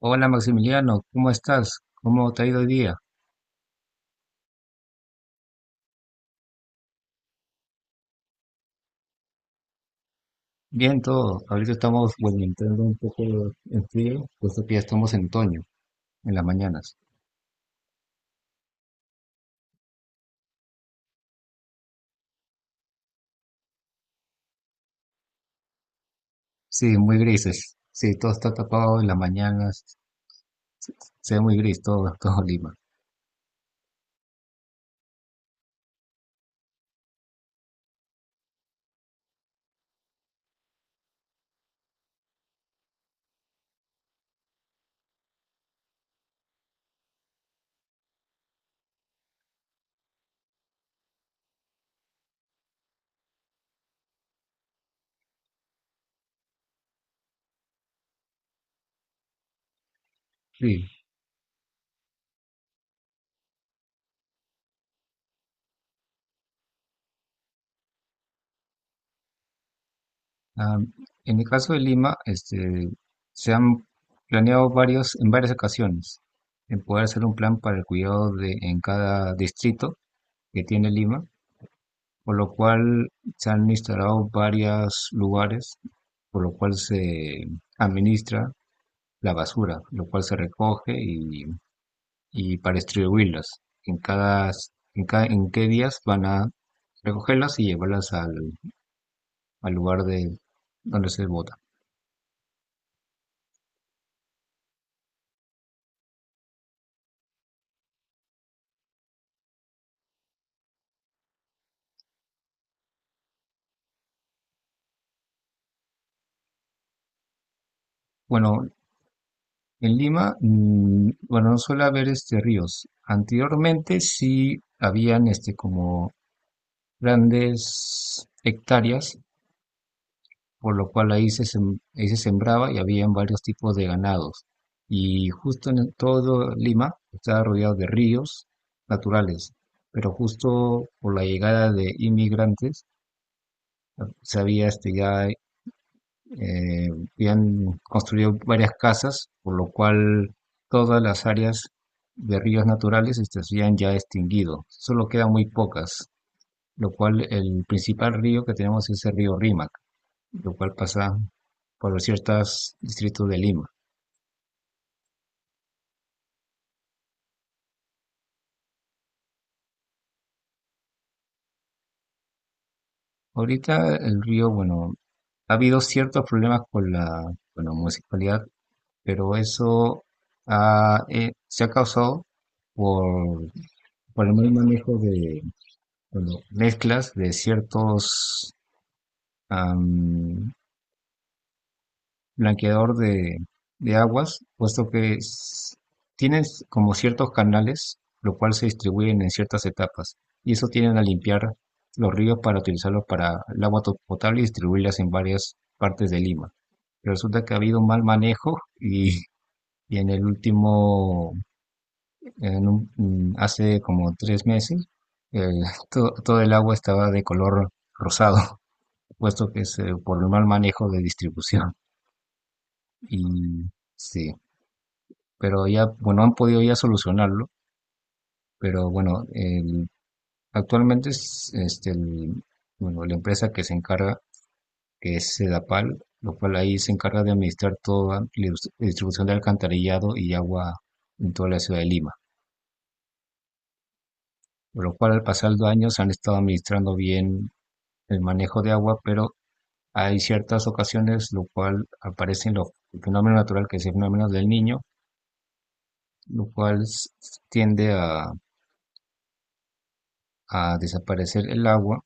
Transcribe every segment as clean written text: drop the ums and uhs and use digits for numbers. Hola Maximiliano, ¿cómo estás? ¿Cómo te ha ido hoy día? Bien todo. Ahorita estamos, bueno, entrando un poco en frío, puesto que ya estamos en otoño, en las mañanas. Sí, muy grises. Sí, todo está tapado en las mañanas. Se ve muy gris todo, todo Lima. Sí. Ah, en el caso de Lima, este, se han planeado varios, en varias ocasiones, en poder hacer un plan para el cuidado de, en cada distrito que tiene Lima, por lo cual se han instalado varios lugares, por lo cual se administra la basura, lo cual se recoge y para distribuirlas. En cada, en cada, en qué días van a recogerlas y llevarlas al, al lugar de donde se bota. Bueno, en Lima, mm, bueno, no suele haber este ríos. Anteriormente sí habían este como grandes hectáreas por lo cual ahí se, ahí se sembraba y habían varios tipos de ganados. Y justo en todo Lima estaba rodeado de ríos naturales, pero justo por la llegada de inmigrantes se había este, ya eh, habían construido varias casas, por lo cual todas las áreas de ríos naturales este, se habían ya extinguido. Solo quedan muy pocas, lo cual el principal río que tenemos es el río Rímac, lo cual pasa por los ciertos distritos de Lima. Ahorita el río, bueno, ha habido ciertos problemas con la, bueno, municipalidad, pero eso ha, se ha causado por, por el mal manejo de, bueno, mezclas de ciertos blanqueador de aguas, puesto que tienen como ciertos canales, lo cual se distribuyen en ciertas etapas, y eso tienen a limpiar los ríos para utilizarlos para el agua potable y distribuirlas en varias partes de Lima. Pero resulta que ha habido un mal manejo y en el último, en hace como tres meses, el- todo el agua estaba de color rosado, puesto que es por el mal manejo de distribución. Y sí. Pero ya, bueno, han podido ya solucionarlo, pero bueno, actualmente es este, bueno, la empresa que se encarga, que es Sedapal, lo cual ahí se encarga de administrar toda la distribución de alcantarillado y agua en toda la ciudad de Lima, por lo cual al pasar los años han estado administrando bien el manejo de agua, pero hay ciertas ocasiones lo cual aparecen los el fenómeno natural que es el fenómeno del niño, lo cual tiende a desaparecer el agua,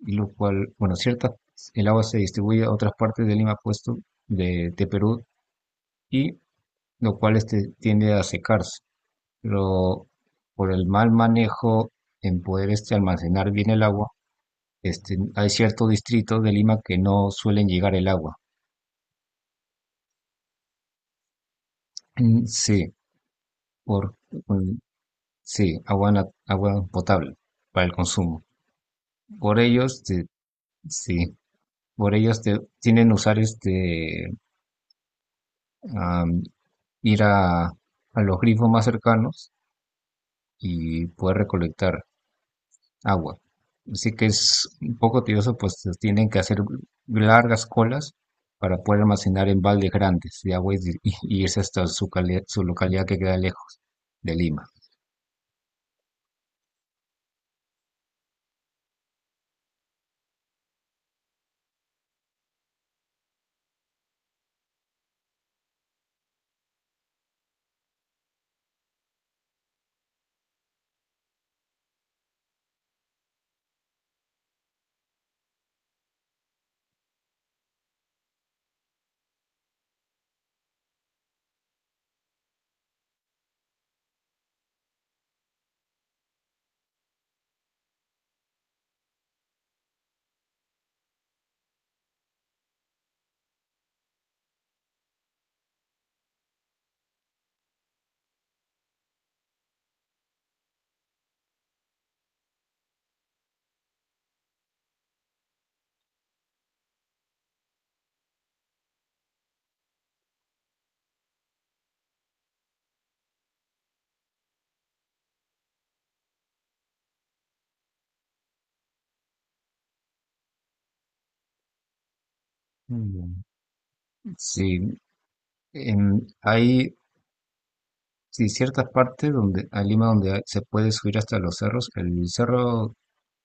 lo cual, bueno, cierta, el agua se distribuye a otras partes de Lima, puesto de Perú, y lo cual este, tiende a secarse. Pero por el mal manejo en poder este, almacenar bien el agua, este, hay ciertos distritos de Lima que no suelen llegar el agua. Mm, sí, por, mm, sí, agua, agua potable para el consumo. Por ellos, este, sí, por ellos tienen usar este, ir a los grifos más cercanos y poder recolectar agua. Así que es un poco tedioso, pues tienen que hacer largas colas para poder almacenar en baldes grandes de agua y irse hasta su, su localidad que queda lejos de Lima. Mm. Sí, hay sí, ciertas partes donde, a Lima donde se puede subir hasta los cerros. El cerro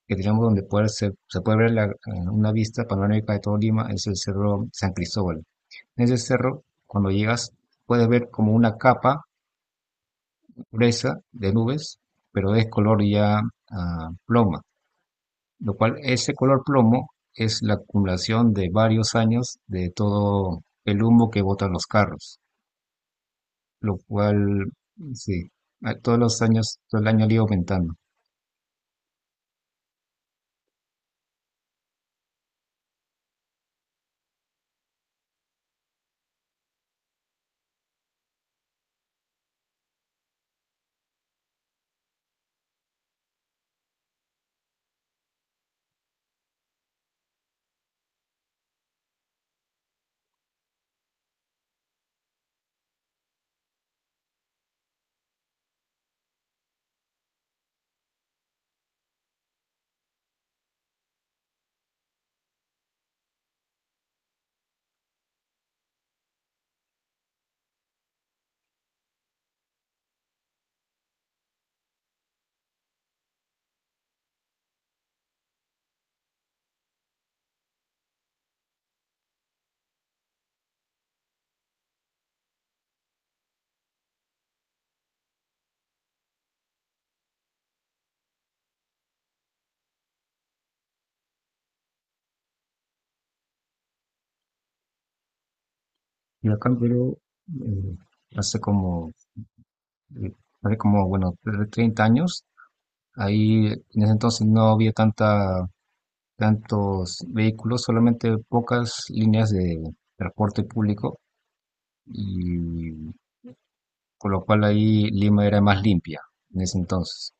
que tenemos donde poder se, se puede ver una vista panorámica de todo Lima es el cerro San Cristóbal. En ese cerro, cuando llegas, puedes ver como una capa gruesa de nubes, pero es color ya ah, ploma, lo cual ese color plomo es la acumulación de varios años de todo el humo que botan los carros, lo cual, sí, todos los años, todo el año le iba aumentando. Y acá en Perú, eh, hace como, eh, hace como, bueno, 30 años, ahí en ese entonces no había tanta tantos vehículos, solamente pocas líneas de transporte público y con lo cual ahí Lima era más limpia en ese entonces.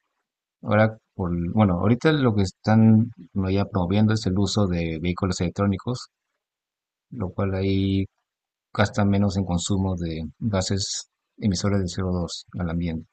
Ahora, por, bueno, ahorita lo que están, bueno, ya promoviendo es el uso de vehículos electrónicos, lo cual ahí gasta menos en consumo de gases emisores de CO2 al ambiente.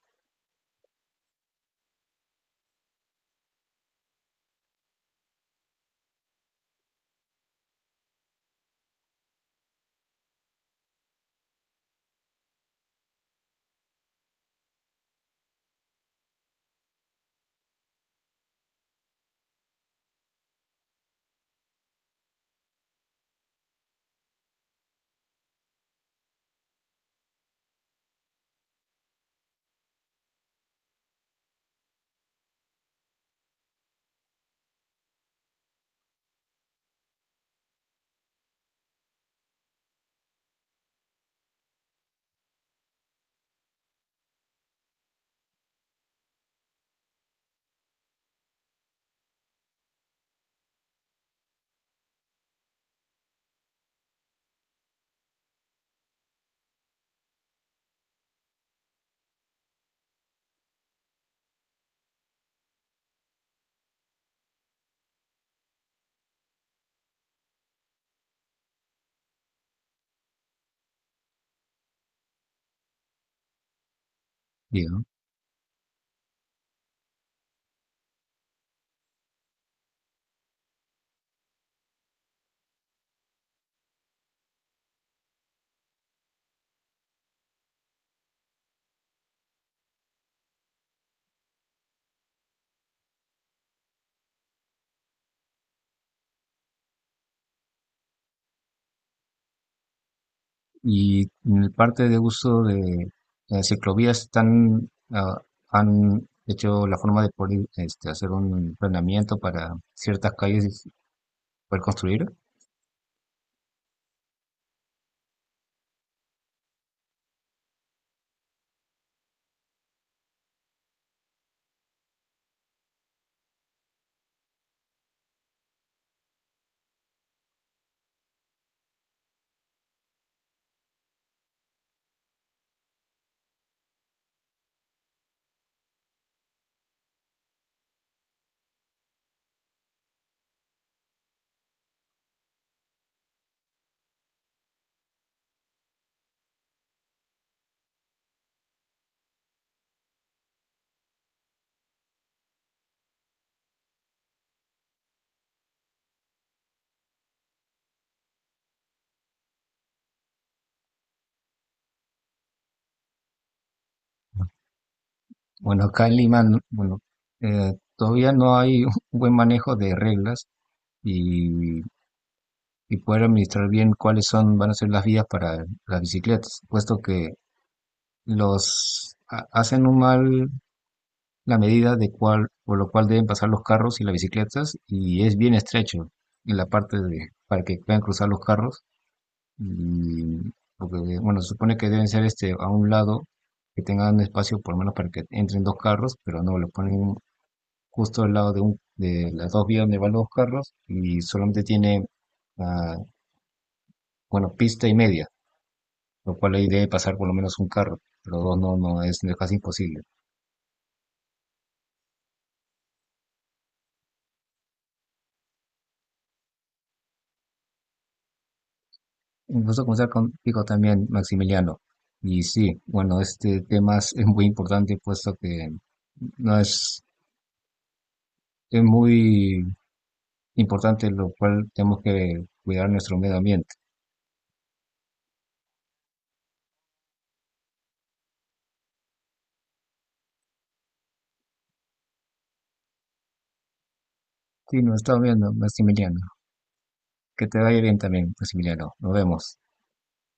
Digo, y en el parte de uso de ciclovías están, ah, han hecho la forma de poder este, hacer un planeamiento para ciertas calles y poder construir. Bueno, acá en Lima, bueno, todavía no hay un buen manejo de reglas y, y poder administrar bien cuáles son, van a ser las vías para las bicicletas, puesto que los hacen un mal la medida de cual, por lo cual deben pasar los carros y las bicicletas y es bien estrecho en la parte de, para que puedan cruzar los carros y porque, bueno, se supone que deben ser este a un lado que tengan espacio por lo menos para que entren dos carros, pero no, lo ponen justo al lado de, un, de las dos vías donde van los carros y solamente tiene, ah, bueno, pista y media, lo cual ahí debe pasar por lo menos un carro, pero dos no, no, es casi imposible. Un gusto conversar contigo también, Maximiliano. Y sí, bueno, este tema es muy importante, puesto que no es, es muy importante, lo cual tenemos que cuidar nuestro medio ambiente. Sí, nos estamos viendo, Maximiliano. Que te vaya bien también, Maximiliano. Nos vemos.